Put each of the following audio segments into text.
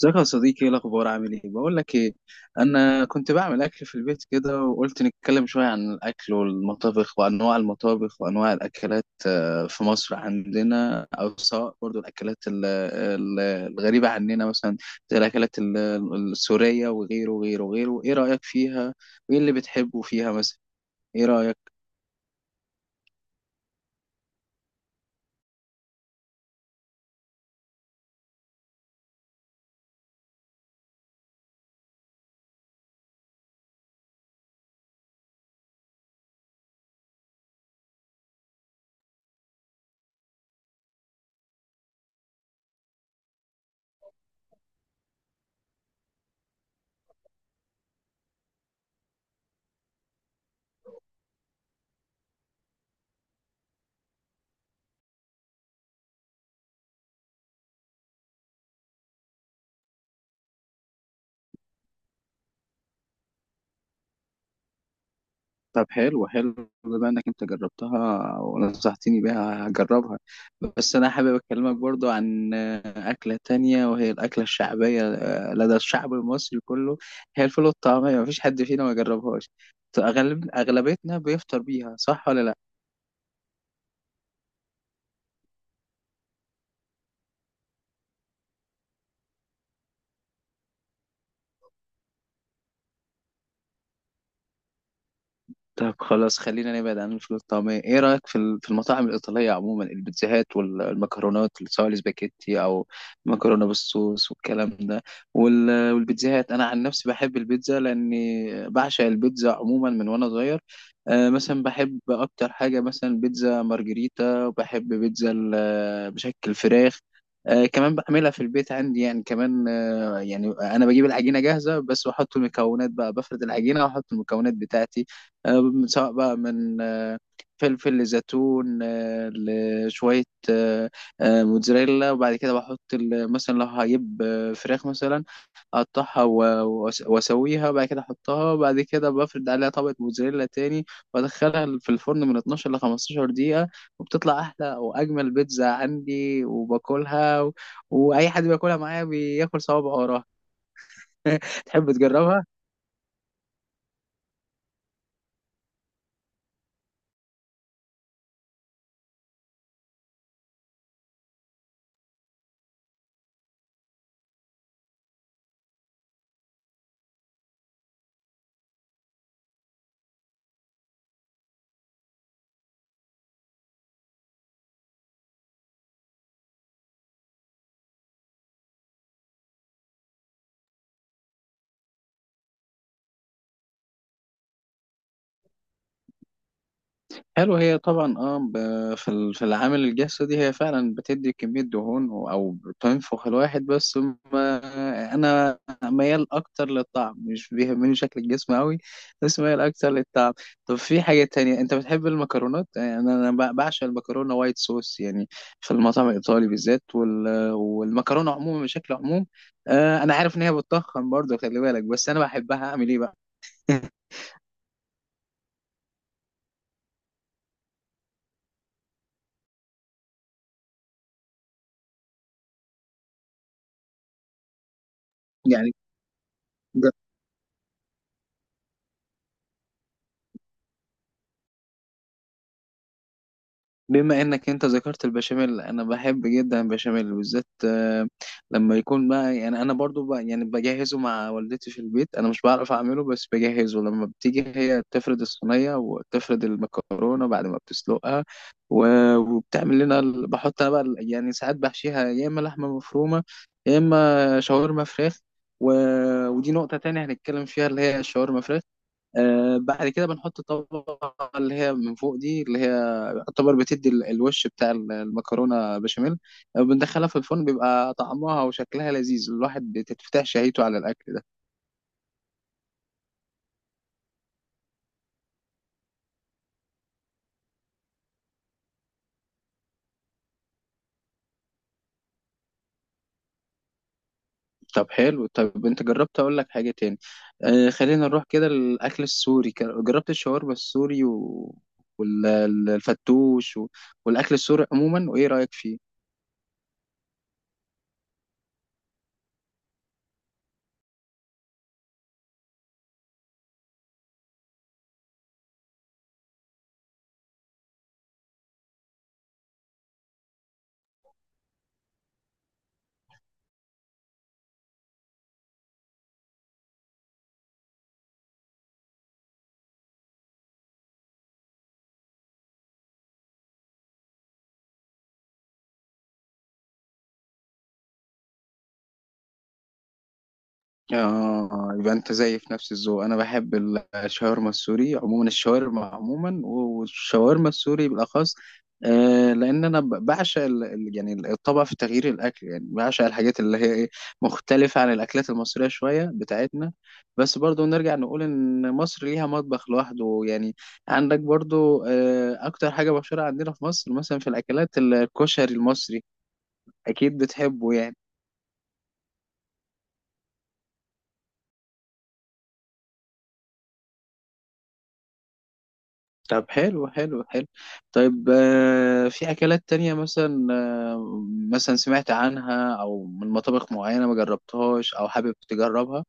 ازيك يا صديقي؟ ايه الاخبار؟ عامل ايه؟ بقول لك ايه، انا كنت بعمل اكل في البيت كده وقلت نتكلم شويه عن الاكل والمطابخ وانواع المطابخ وانواع الاكلات. في مصر عندنا او سواء برضو الاكلات الغريبه عننا مثلا، زي الاكلات السوريه وغيره وغيره وغيره. ايه رايك فيها؟ وايه اللي بتحبه فيها مثلا؟ ايه رايك؟ طب حلو حلو. بما انك انت جربتها ونصحتني بيها هجربها. بس انا حابب اكلمك برضو عن اكلة تانية، وهي الاكلة الشعبية لدى الشعب المصري كله، هي الفول والطعمية. مفيش حد فينا ما جربهاش. اغلبيتنا بيفطر بيها، صح ولا لا؟ طب خلاص، خلينا نبعد عن الفول الطعمية. ايه رأيك في المطاعم الإيطالية عموما، البيتزاهات والمكرونات، اللي سواء الاسباجيتي او مكرونة بالصوص والكلام ده؟ والبيتزاهات انا عن نفسي بحب البيتزا، لاني بعشق البيتزا عموما من وانا صغير. مثلا بحب اكتر حاجة مثلا بيتزا مارجريتا، وبحب بيتزا بشكل فراخ. كمان بعملها في البيت عندي يعني، كمان يعني انا بجيب العجينة جاهزة، بس بحط المكونات بقى، بفرد العجينة واحط المكونات بتاعتي، سواء بقى من فلفل لزيتون، لشوية آه، موتزاريلا. وبعد كده بحط مثلا لو هجيب فراخ مثلا، اقطعها واسويها، وبعد كده احطها، وبعد كده بفرد عليها طبقة موتزاريلا تاني، وادخلها في الفرن من 12 ل 15 دقيقة، وبتطلع احلى واجمل بيتزا عندي، وباكلها. واي حد بياكلها معايا بياكل صوابعه وراها. تحب تجربها؟ حلو. هي طبعا، في العامل الجسدي هي فعلا بتدي كمية دهون او بتنفخ الواحد، بس ما انا ميال اكتر للطعم، مش بيهمني شكل الجسم قوي، بس ميال اكتر للطعم. طب في حاجة تانية، انت بتحب المكرونات يعني؟ انا أنا بعشق المكرونة وايت صوص يعني، في المطعم الايطالي بالذات، والمكرونة عموما بشكل عموم. انا عارف ان هي بتضخم برضه، خلي بالك، بس انا بحبها، اعمل ايه بقى؟ يعني بما انك انت ذكرت البشاميل، انا بحب جدا البشاميل بالذات لما يكون بقى يعني. انا برضو بقى يعني بجهزه مع والدتي في البيت، انا مش بعرف اعمله بس بجهزه، لما بتيجي هي تفرد الصينيه وتفرد المكرونه بعد ما بتسلقها، وبتعمل لنا بحط انا بقى يعني ساعات بحشيها، يا اما لحمه مفرومه، يا اما شاورما فراخ و... ودي نقطه تانية هنتكلم فيها، اللي هي الشاورما فراخ. بعد كده بنحط الطبقة اللي هي من فوق دي، اللي هي يعتبر بتدي الوش بتاع المكرونة بشاميل. بندخلها في الفرن، بيبقى طعمها وشكلها لذيذ، الواحد بتتفتح شهيته على الأكل ده. طب حلو. طب انت جربت، اقول لك حاجة تاني، خلينا نروح كده للأكل السوري. جربت الشاورما السوري، والفتوش، والأكل السوري عموما؟ وإيه رأيك فيه؟ اه يبقى انت زي في نفس الذوق. انا بحب الشاورما السوري عموما، الشاورما عموما، والشاورما السوري بالاخص. لان انا بعشق يعني الطبع في تغيير الاكل، يعني بعشق الحاجات اللي هي ايه، مختلفه عن الاكلات المصريه شويه بتاعتنا. بس برضو نرجع نقول ان مصر ليها مطبخ لوحده يعني. عندك برضو اكتر حاجه مشهوره عندنا في مصر مثلا في الاكلات، الكشري المصري، اكيد بتحبه يعني. طب حلو حلو حلو. طيب في أكلات تانية مثلا، آه، مثلا سمعت عنها، أو من مطابخ معينة ما جربتهاش، أو حابب تجربها؟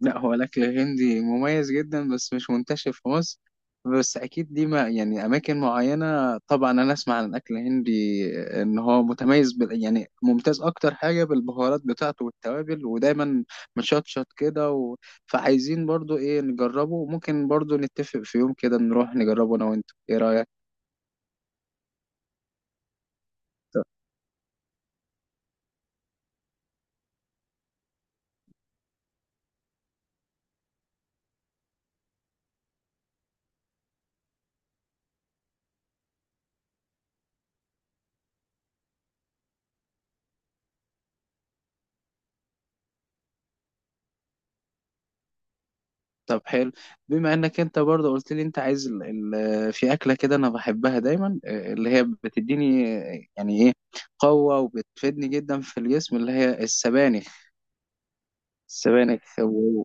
لا، هو الأكل الهندي مميز جدا، بس مش منتشر في مصر، بس أكيد دي ما يعني أماكن معينة. طبعا أنا أسمع عن الأكل الهندي إن هو متميز بال يعني ممتاز، أكتر حاجة بالبهارات بتاعته والتوابل، ودايما مشطشط كده. فعايزين برضو إيه نجربه، وممكن برضو نتفق في يوم كده نروح نجربه، أنا وأنت. إيه رأيك؟ طب حلو. بما انك انت برضه قلت لي انت عايز في اكله كده انا بحبها دايما، اللي هي بتديني يعني ايه، قوه وبتفيدني جدا في الجسم، اللي هي السبانخ. السبانخ و...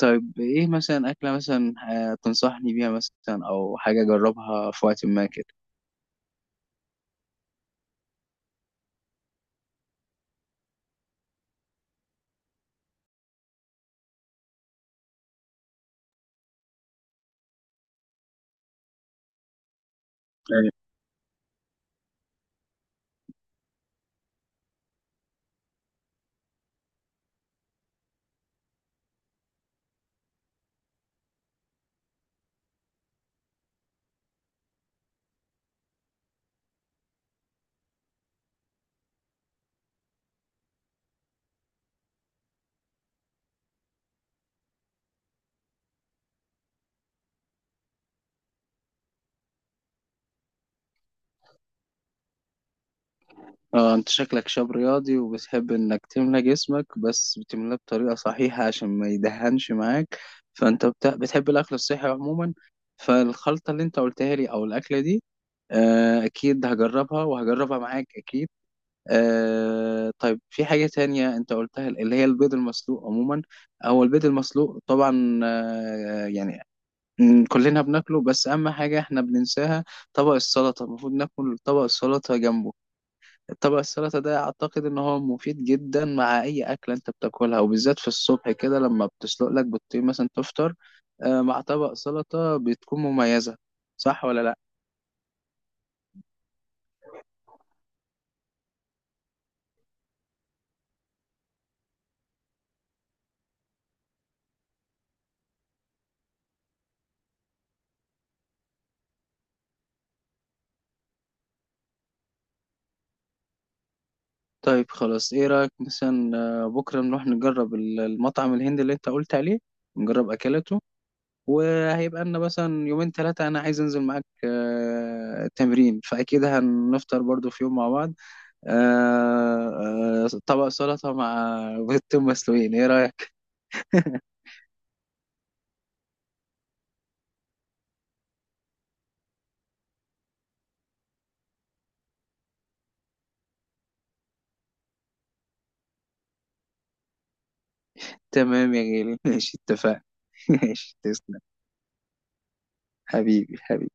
طيب ايه مثلا اكله مثلا، تنصحني بيها مثلا او حاجه اجربها في وقت ما كده؟ اه انت شكلك شاب رياضي، وبتحب انك تملى جسمك بس بتملاه بطريقة صحيحة عشان ما يدهنش معاك، فانت بتحب الاكل الصحي عموما. فالخلطة اللي انت قلتها لي او الاكلة دي، اكيد هجربها، وهجربها معاك اكيد. طيب، في حاجة تانية انت قلتها، اللي هي البيض المسلوق عموما. هو البيض المسلوق طبعا، يعني، كلنا بناكله، بس اهم حاجة احنا بننساها، طبق السلطة. المفروض ناكل طبق السلطة جنبه. طبق السلطة ده أعتقد إن هو مفيد جدا مع أي أكلة أنت بتاكلها، وبالذات في الصبح كده، لما بتسلق لك بيضتين مثلا تفطر، مع طبق سلطة بتكون مميزة، صح ولا لأ؟ طيب خلاص. إيه رأيك مثلا بكرة نروح نجرب المطعم الهندي اللي أنت قلت عليه، نجرب أكلته؟ وهيبقى لنا مثلا يومين 3 أنا عايز أنزل معاك تمرين، فأكيد هنفطر برضو في يوم مع بعض، طبق سلطة مع بيضتين مسلوقين. إيه رأيك؟ تمام يا غالي، ماشي، اتفقنا. ماشي، تسلم. حبيبي حبيبي.